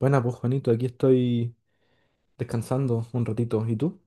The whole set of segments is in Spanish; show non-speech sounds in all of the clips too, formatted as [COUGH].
Buena, pues Juanito, aquí estoy descansando un ratito. ¿Y tú?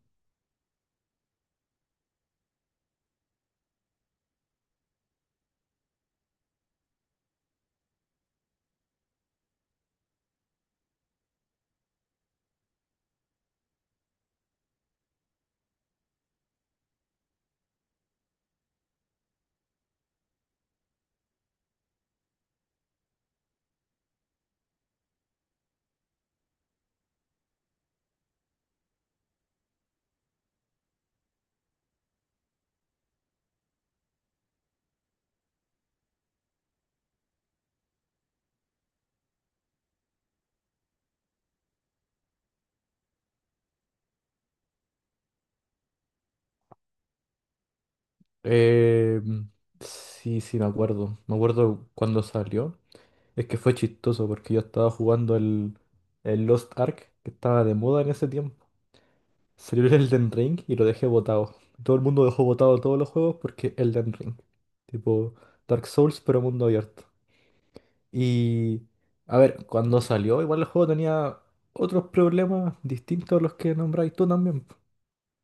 Eh, sí, me acuerdo. Me acuerdo cuando salió. Es que fue chistoso porque yo estaba jugando el Lost Ark, que estaba de moda en ese tiempo. Salió el Elden Ring y lo dejé botado. Todo el mundo dejó botado todos los juegos porque Elden Ring. Tipo Dark Souls, pero mundo abierto. Y, a ver, cuando salió, igual el juego tenía otros problemas distintos a los que nombráis tú también.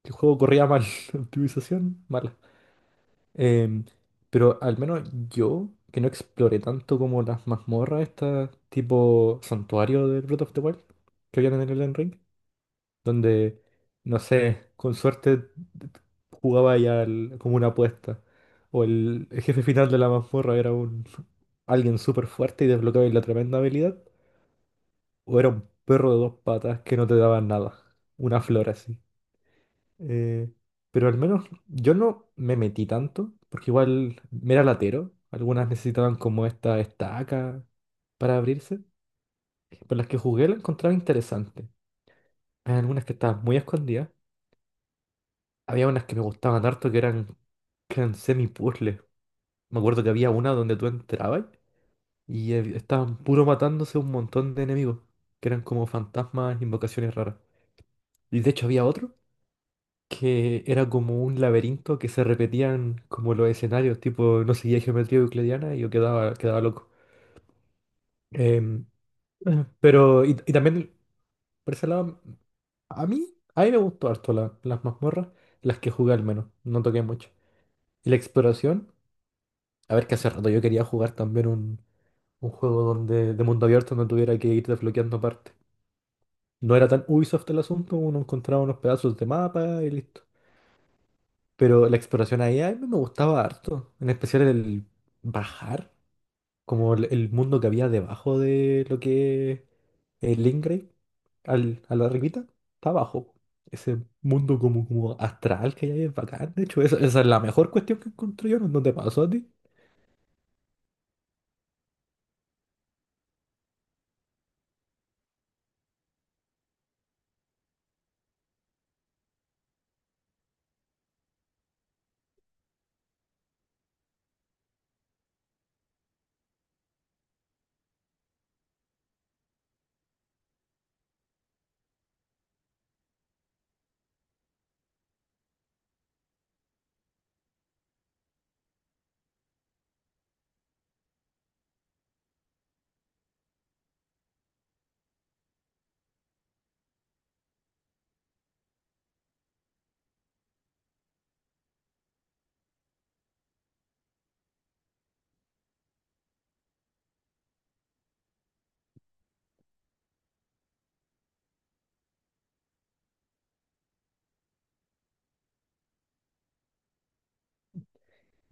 El juego corría mal, [LAUGHS] la optimización mala. Em, pero al menos yo, que no exploré tanto como las mazmorras, estas tipo santuario de Breath of the Wild, que habían en el Elden Ring, donde, no sé, con suerte jugaba ya al- como una apuesta. O el jefe final de la mazmorra era un alguien súper fuerte y desbloqueaba la tremenda habilidad. O era un perro de dos patas que no te daba nada. Una flor así. Eh, pero al menos yo no me metí tanto, porque igual me era latero. Algunas necesitaban como esta estaca para abrirse. Pero las que jugué las encontraba interesantes. Había algunas que estaban muy escondidas. Había unas que me gustaban harto que eran semi-puzzles. Me acuerdo que había una donde tú entrabas y estaban puro matándose un montón de enemigos, que eran como fantasmas, invocaciones raras. Y de hecho había otro que era como un laberinto que se repetían como los escenarios, tipo, no seguía geometría euclidiana y yo quedaba loco. Em, [CLEARS THROAT] y también, por ese lado, a mí, a mí me gustó harto la- las mazmorras, las que jugué al menos, no toqué mucho. Y la exploración, a ver, que hace rato yo quería jugar también un juego donde, de mundo abierto donde tuviera que ir desbloqueando partes. No era tan Ubisoft el asunto, uno encontraba unos pedazos de mapa y listo. Pero la exploración ahí a mí me gustaba harto, en especial el bajar, como el mundo que había debajo de lo que es el Ingray, al, a la arribita, está abajo. Ese mundo como, como astral que hay ahí es bacán, de hecho, esa es la mejor cuestión que encontré yo, ¿no no te pasó a ti?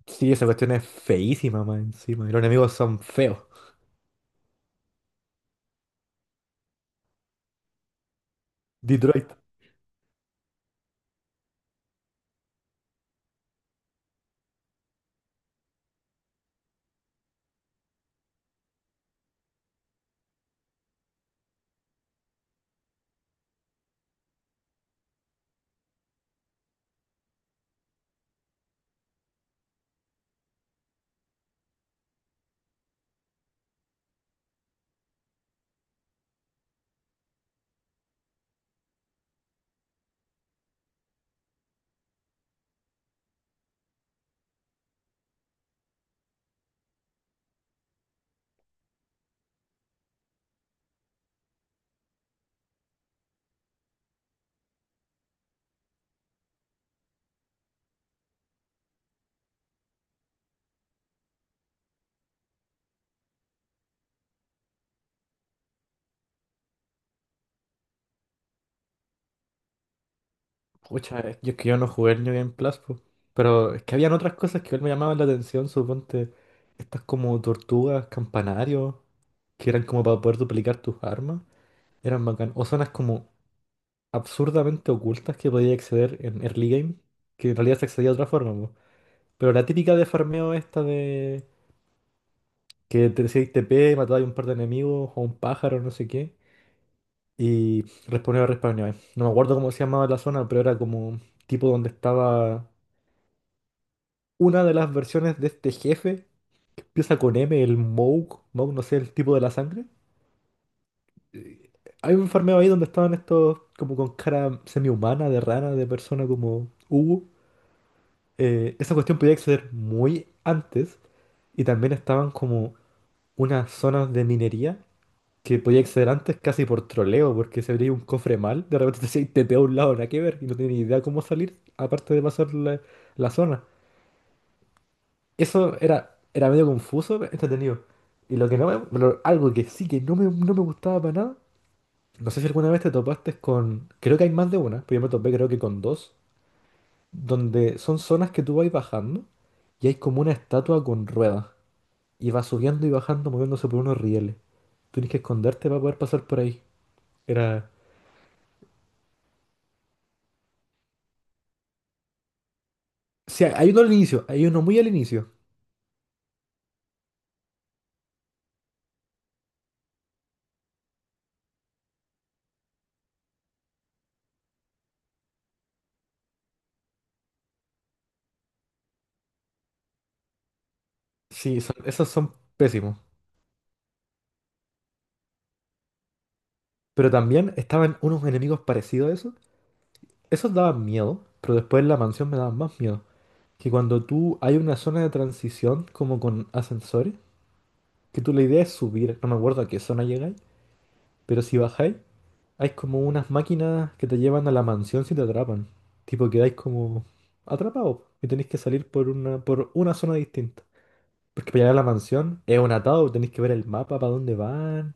Sí, esa cuestión es feísima más encima, y los enemigos son feos. Detroit. Pucha, es- yo es que yo no jugué el New Game Plus, po. Pero es que habían otras cosas que igual me llamaban la atención, suponte. Estas como tortugas, campanarios, que eran como para poder duplicar tus armas. Eran bacán. O zonas como absurdamente ocultas que podías acceder en early game, que en realidad se accedía de otra forma, po. Pero la típica de farmeo esta de que te decís TP, matabas a un par de enemigos o un pájaro, no sé qué. Y respawneaba. No me acuerdo cómo se llamaba la zona, pero era como tipo donde estaba una de las versiones de este jefe, que empieza con M, el Moog no sé, el tipo de la sangre. Eh, Hay un farmeo ahí donde estaban estos como con cara semi-humana, de rana, de persona como Hugo. Esa cuestión podía acceder muy antes y también estaban como unas zonas de minería que podía acceder antes casi por troleo, porque se abría un cofre mal, de repente te decía, te a un lado, nada que ver, y no tenía ni idea cómo salir, aparte de pasar la zona. Eso era, era medio confuso, pero entretenido. Y lo que no me, lo- algo que sí que no me, no me gustaba para nada, no sé si alguna vez te topaste con, creo que hay más de una, pero yo me topé creo que con dos, donde son zonas que tú vas bajando y hay como una estatua con ruedas y va subiendo y bajando moviéndose por unos rieles. Tienes que esconderte para poder pasar por ahí. Era... Sí, hay uno al inicio, hay uno muy al inicio. Sí, son- esos son pésimos. Pero también estaban unos enemigos parecidos a eso. Esos daban miedo, pero después en la mansión me daban más miedo. Que cuando tú hay una zona de transición como con ascensores, que tú la idea es subir, no me acuerdo a qué zona llegáis, pero si bajáis, hay como unas máquinas que te llevan a la mansión si te atrapan. Tipo quedáis como atrapados y tenéis que salir por una zona distinta. Porque para llegar a la mansión es un atado, tenéis que ver el mapa para dónde van.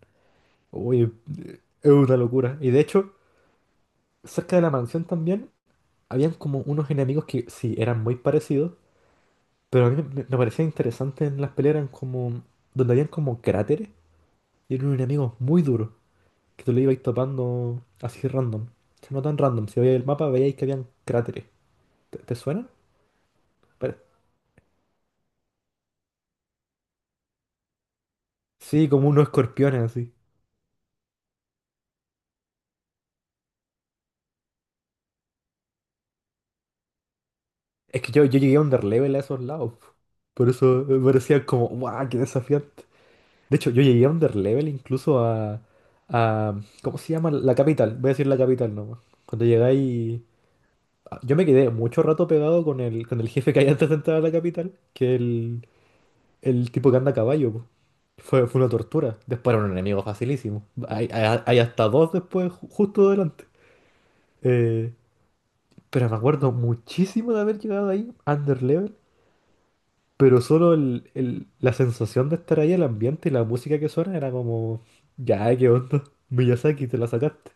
Uy, es una locura. Y de hecho, cerca de la mansión también habían como unos enemigos que sí eran muy parecidos. Pero a mí me, me parecía interesante en las peleas eran como, donde habían como cráteres y eran unos enemigos muy duros, que tú le ibas topando así random. O sea, no tan random, si veíais el mapa veíais que habían cráteres. ¿Te, te suena? Pero- sí, como unos escorpiones así. Es que yo llegué a underlevel a esos lados. Por eso me parecía como, ¡guau! ¡Qué desafiante! De hecho, yo llegué a underlevel incluso a... ¿Cómo se llama? La capital. Voy a decir la capital nomás. Cuando llegáis yo me quedé mucho rato pegado con con el jefe que hay antes de entrar a la capital, que el tipo que anda a caballo, po. Fue una tortura. Después era un enemigo facilísimo. Hay hasta dos después, ju- justo delante. Eh, pero me acuerdo muchísimo de haber llegado ahí, under level. Pero solo el- la sensación de estar ahí, el ambiente y la música que suena era como... Ya, ¿qué onda? Miyazaki, te la sacaste.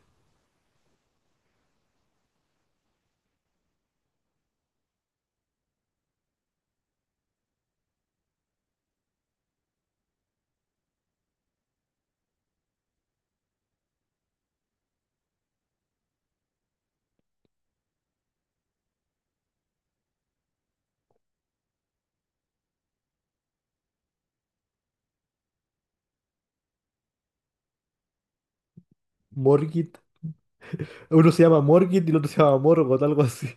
Morgit. Uno se llama Morgit y el otro se llama Morgoth, algo así.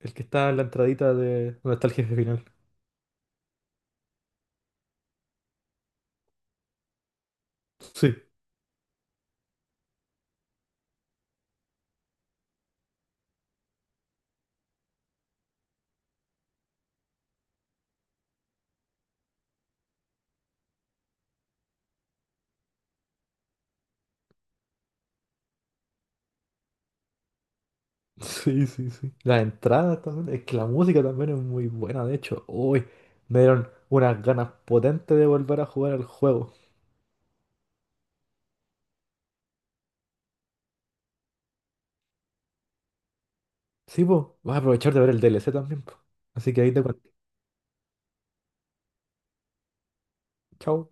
El que está en la entradita de donde está el jefe final. Sí, [LAUGHS] sí, sí, sí. Las entradas también. Es que la música también es muy buena, de hecho. Uy, me dieron unas ganas potentes de volver a jugar al juego. Sí, pues, vas a aprovechar de ver el DLC también, po. Así que ahí te cuento. Chao.